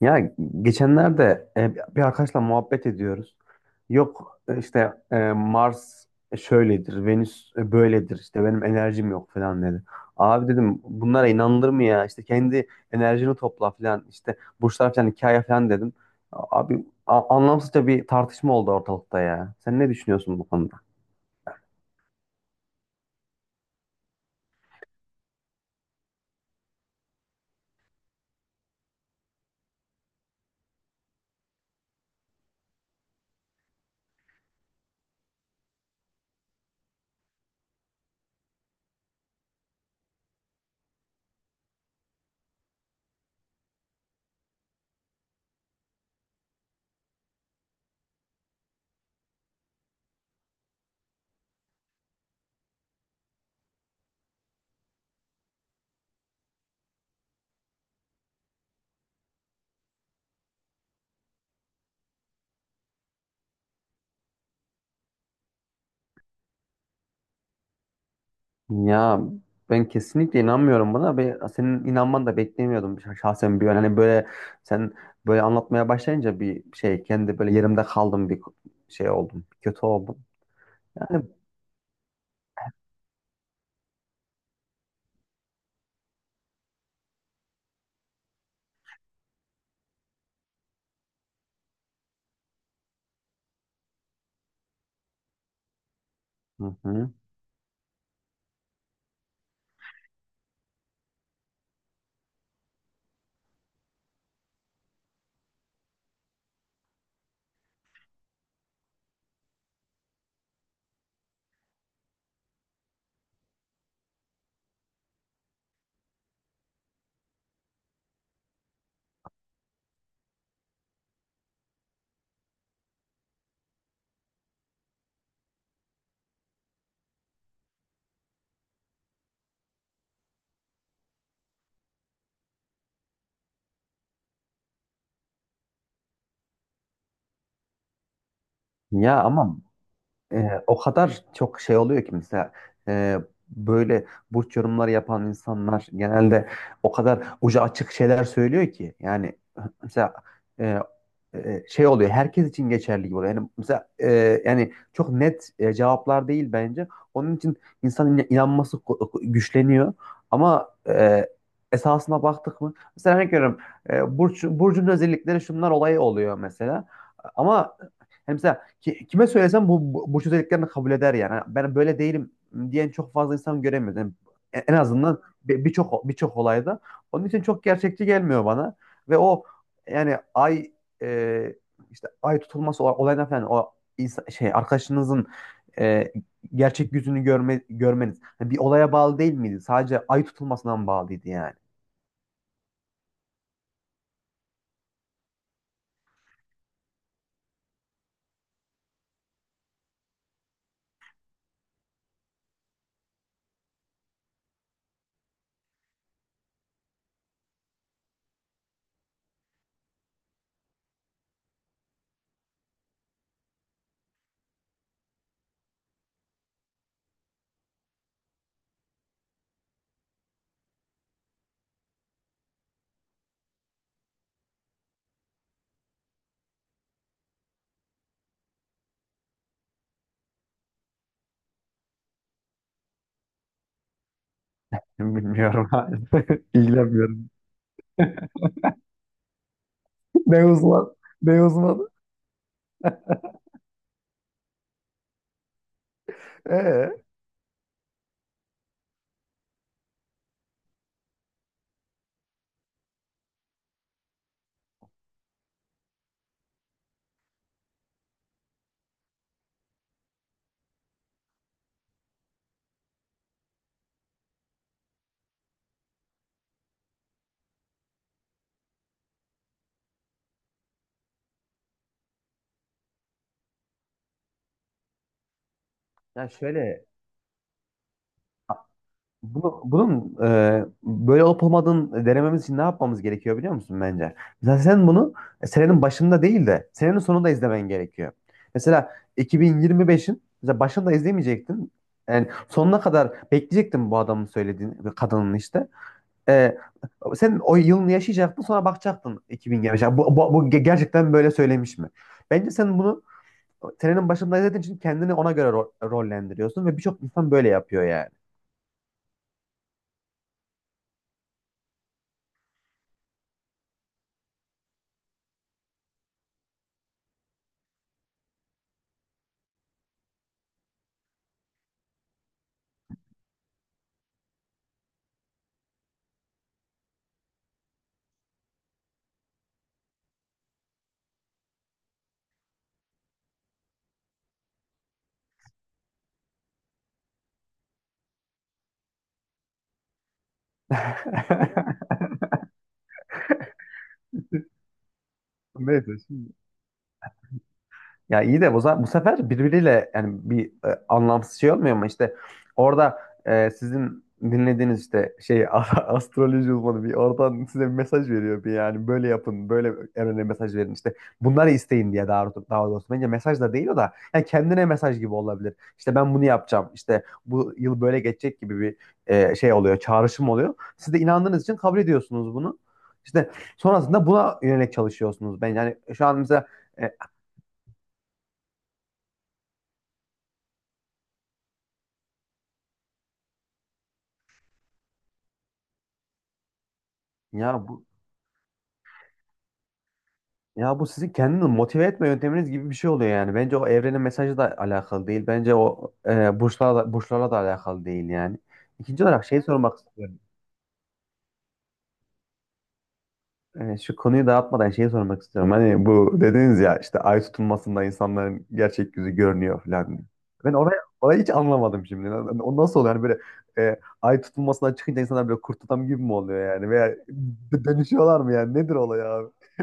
Ya geçenlerde bir arkadaşla muhabbet ediyoruz. Yok, işte, Mars şöyledir, Venüs böyledir, işte benim enerjim yok falan dedi. Abi dedim, bunlara inanılır mı ya? İşte kendi enerjini topla falan, işte burçlar falan, hikaye falan dedim. Anlamsızca bir tartışma oldu ortalıkta ya. Sen ne düşünüyorsun bu konuda? Ya ben kesinlikle inanmıyorum buna ve senin inanman da beklemiyordum şah- şahsen bir an. Hani böyle sen böyle anlatmaya başlayınca bir şey, kendi böyle yerimde kaldım, bir şey oldum. Kötü oldum. Yani. Hı hı. Ya ama o kadar çok şey oluyor ki, mesela e, böyle burç yorumları yapan insanlar genelde o kadar ucu açık şeyler söylüyor ki yani mesela e, şey oluyor, herkes için geçerli gibi oluyor. Yani mesela, yani çok net cevaplar değil bence. Onun için inanması güçleniyor ama esasına baktık mı, mesela örnek veriyorum, burcun özellikleri şunlar olayı oluyor mesela, ama hem kime söylesem bu özelliklerini kabul eder yani. Hani ben böyle değilim diyen çok fazla insan göremiyoruz. Yani en en azından birçok olayda. Onun için çok gerçekçi gelmiyor bana. Ve o, yani ay, e, işte ay tutulması olayına falan, o insan, şey, arkadaşınızın e, gerçek yüzünü görme, görmeniz, yani bir olaya bağlı değil miydi? Sadece ay tutulmasından bağlıydı yani. Bilmiyorum. İlgilenmiyorum. Ne uzman? Ne uzman? Ee? Ya şöyle, bunu, bunun böyle olup olmadığını denememiz için ne yapmamız gerekiyor biliyor musun bence? Mesela sen bunu senenin başında değil de senenin sonunda izlemen gerekiyor. Mesela 2025'in mesela başında izlemeyecektin. Yani sonuna kadar bekleyecektin bu adamın söylediğini, bu kadının işte. E, Sen o yılını yaşayacaktın, sonra bakacaktın 2025. Bu gerçekten böyle söylemiş mi? Bence sen bunu senenin başında izlediğin için kendini ona göre rollendiriyorsun, ve birçok insan böyle yapıyor yani. Neyse şimdi. Ya iyi de bu, bu sefer birbiriyle, yani bir anlamsız şey olmuyor mu? İşte orada sizin dinlediğiniz işte şey astroloji uzmanı bir oradan size bir mesaj veriyor, bir yani böyle yapın, böyle evrene mesaj verin, işte bunları isteyin diye. Daha, daha doğrusu bence mesaj da değil o da, yani kendine mesaj gibi olabilir. İşte ben bunu yapacağım, işte bu yıl böyle geçecek gibi bir şey oluyor, çağrışım oluyor. Siz de inandığınız için kabul ediyorsunuz bunu. İşte sonrasında buna yönelik çalışıyorsunuz. Ben yani şu an mesela. e, Ya bu, ya bu sizin kendini motive etme yönteminiz gibi bir şey oluyor yani. Bence o evrenin mesajı da alakalı değil. Bence o, burçlarla da, alakalı değil yani. İkinci olarak şey sormak istiyorum. Şu konuyu dağıtmadan şeyi sormak istiyorum. Hani bu dediniz ya, işte ay tutulmasında insanların gerçek yüzü görünüyor falan diye. Ben orayı, hiç anlamadım şimdi. O nasıl oluyor? Hani böyle ay tutulmasından çıkınca insanlar böyle kurt adam gibi mi oluyor yani? Veya dönüşüyorlar mı yani? Nedir olay abi?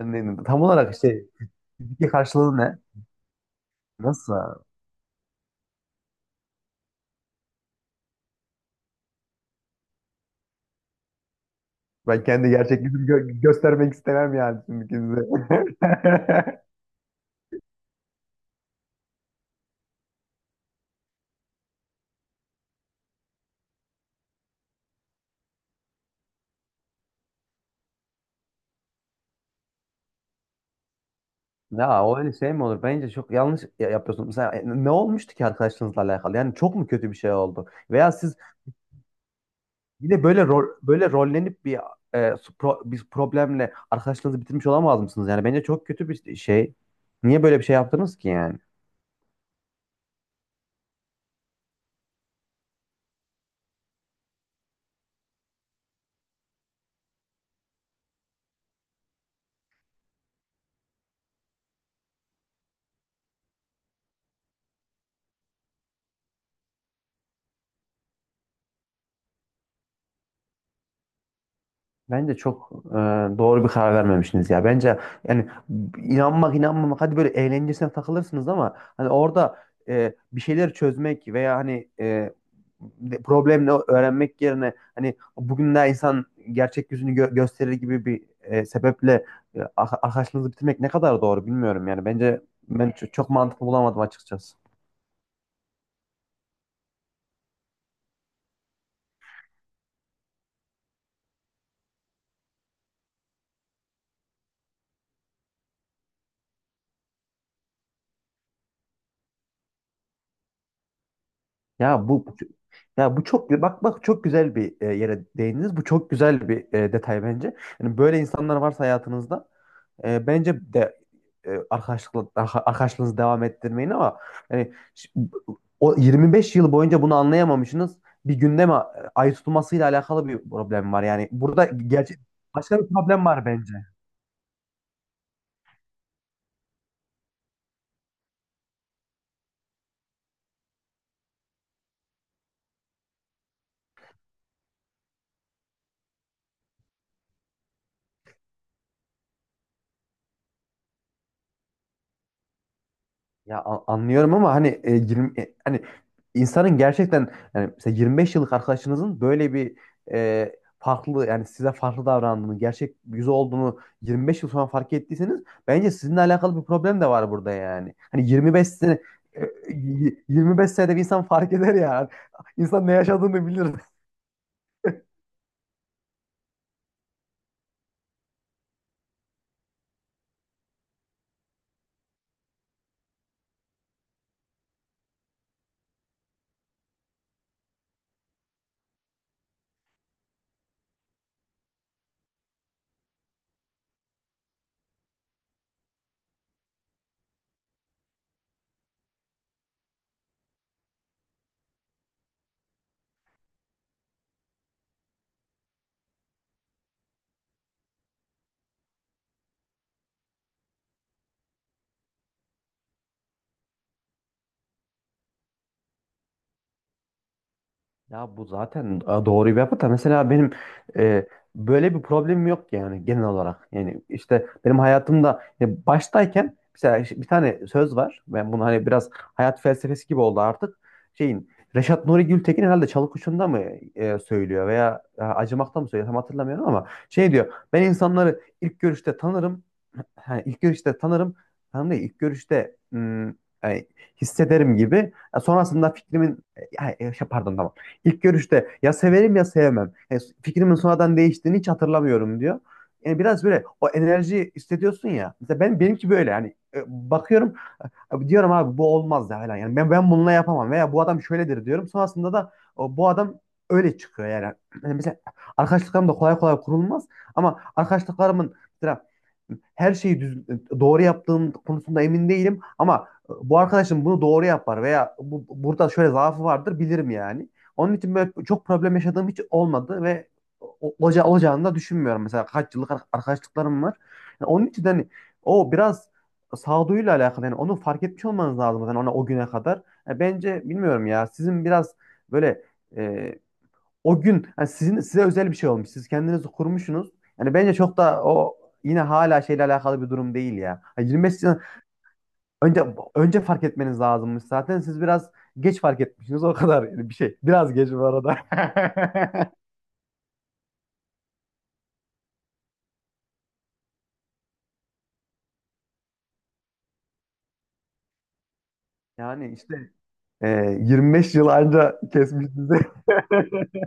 Tam olarak şey, fiziki karşılığı ne? Nasıl? Ben kendi gerçek yüzümü göstermek istemem yani şimdikinize. Ya o öyle şey mi olur? Bence çok yanlış yapıyorsun. Mesela ne olmuştu ki arkadaşlarınızla alakalı? Yani çok mu kötü bir şey oldu? Veya siz yine böyle rol, böyle rollenip bir bir problemle arkadaşlığınızı bitirmiş olamaz mısınız? Yani bence çok kötü bir şey. Niye böyle bir şey yaptınız ki yani? Bence çok doğru bir karar vermemişsiniz ya. Bence yani, inanmak inanmamak, hadi böyle eğlencesine takılırsınız, ama hani orada bir şeyler çözmek veya hani problemle öğrenmek yerine, hani bugün de insan gerçek yüzünü gösterir gibi bir sebeple arkadaşlığınızı bitirmek ne kadar doğru bilmiyorum yani. Bence ben çok mantıklı bulamadım açıkçası. Ya bu, ya bu çok, bak bak, çok güzel bir yere değindiniz. Bu çok güzel bir detay bence. Yani böyle insanlar varsa hayatınızda, bence de arkadaşlığınızı devam ettirmeyin, ama yani o 25 yıl boyunca bunu anlayamamışsınız. Bir günde gündeme ayı tutulmasıyla alakalı bir problem var. Yani burada gerçek başka bir problem var bence. Ya anlıyorum, ama hani hani insanın gerçekten, yani mesela 25 yıllık arkadaşınızın böyle bir e, farklı, yani size farklı davrandığını, gerçek yüzü olduğunu 25 yıl sonra fark ettiyseniz, bence sizinle alakalı bir problem de var burada yani. Hani 25 sene, e, 25 senede bir insan fark eder ya. İnsan ne yaşadığını bilir. Ya bu zaten doğru bir yapı da, mesela benim e, böyle bir problemim yok yani, genel olarak. Yani işte benim hayatımda baştayken mesela, bir tane söz var. Ben bunu hani biraz hayat felsefesi gibi oldu artık. Şeyin, Reşat Nuri Gültekin herhalde Çalıkuşu'nda mı söylüyor veya Acımak'ta mı söylüyor tam hatırlamıyorum, ama şey diyor. Ben insanları ilk görüşte tanırım. Ha, ilk görüşte tanırım. Tanırım değil, ilk görüşte e, hissederim gibi. E, sonrasında fikrimin pardon, tamam. İlk görüşte ya severim, ya sevmem. Yani fikrimin sonradan değiştiğini hiç hatırlamıyorum diyor. Yani biraz böyle o enerji hissediyorsun ya. Mesela ben, benimki böyle yani, bakıyorum, abi diyorum, abi bu olmaz ya falan. Yani ben bununla yapamam veya bu adam şöyledir diyorum. Sonrasında da o, bu adam öyle çıkıyor yani. Yani mesela arkadaşlıklarım da kolay kolay kurulmaz, ama arkadaşlıklarımın mesela her şeyi düz, doğru yaptığım konusunda emin değilim, ama bu arkadaşım bunu doğru yapar veya bu, burada şöyle zaafı vardır bilirim yani. Onun için böyle çok problem yaşadığım hiç olmadı ve olacağını da düşünmüyorum. Mesela kaç yıllık arkadaşlıklarım var. Yani onun için de hani o biraz sağduyuyla alakalı yani, onu fark etmiş olmanız lazım zaten ona o güne kadar. Yani bence bilmiyorum, ya sizin biraz böyle e, o gün yani sizin, size özel bir şey olmuş. Siz kendinizi kurmuşsunuz. Yani bence çok da o, yine hala şeyle alakalı bir durum değil ya. Yani 25 yıl önce fark etmeniz lazımmış zaten. Siz biraz geç fark etmişsiniz o kadar yani, bir şey. Biraz geç bu arada. Yani işte e, 25 yıl anca kesmiş sizi.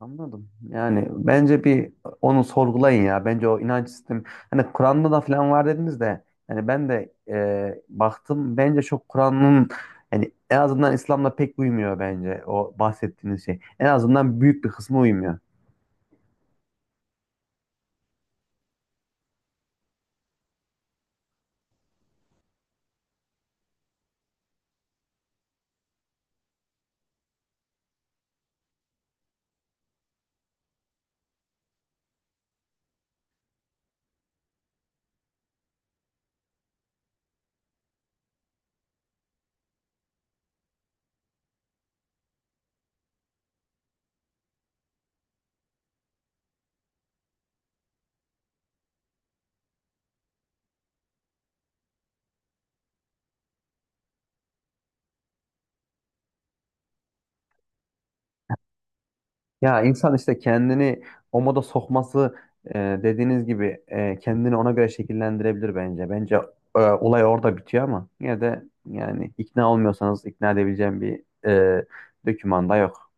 Anladım. Yani bence bir onu sorgulayın ya. Bence o inanç sistemi, hani Kur'an'da da falan var dediniz de, yani ben de baktım, bence çok Kur'an'ın yani en azından İslam'la pek uymuyor bence o bahsettiğiniz şey. En azından büyük bir kısmı uymuyor. Ya insan işte kendini o moda sokması, e, dediğiniz gibi kendini ona göre şekillendirebilir bence. Bence olay orada bitiyor, ama yine de yani ikna olmuyorsanız, ikna edebileceğim bir e, dokümanda yok.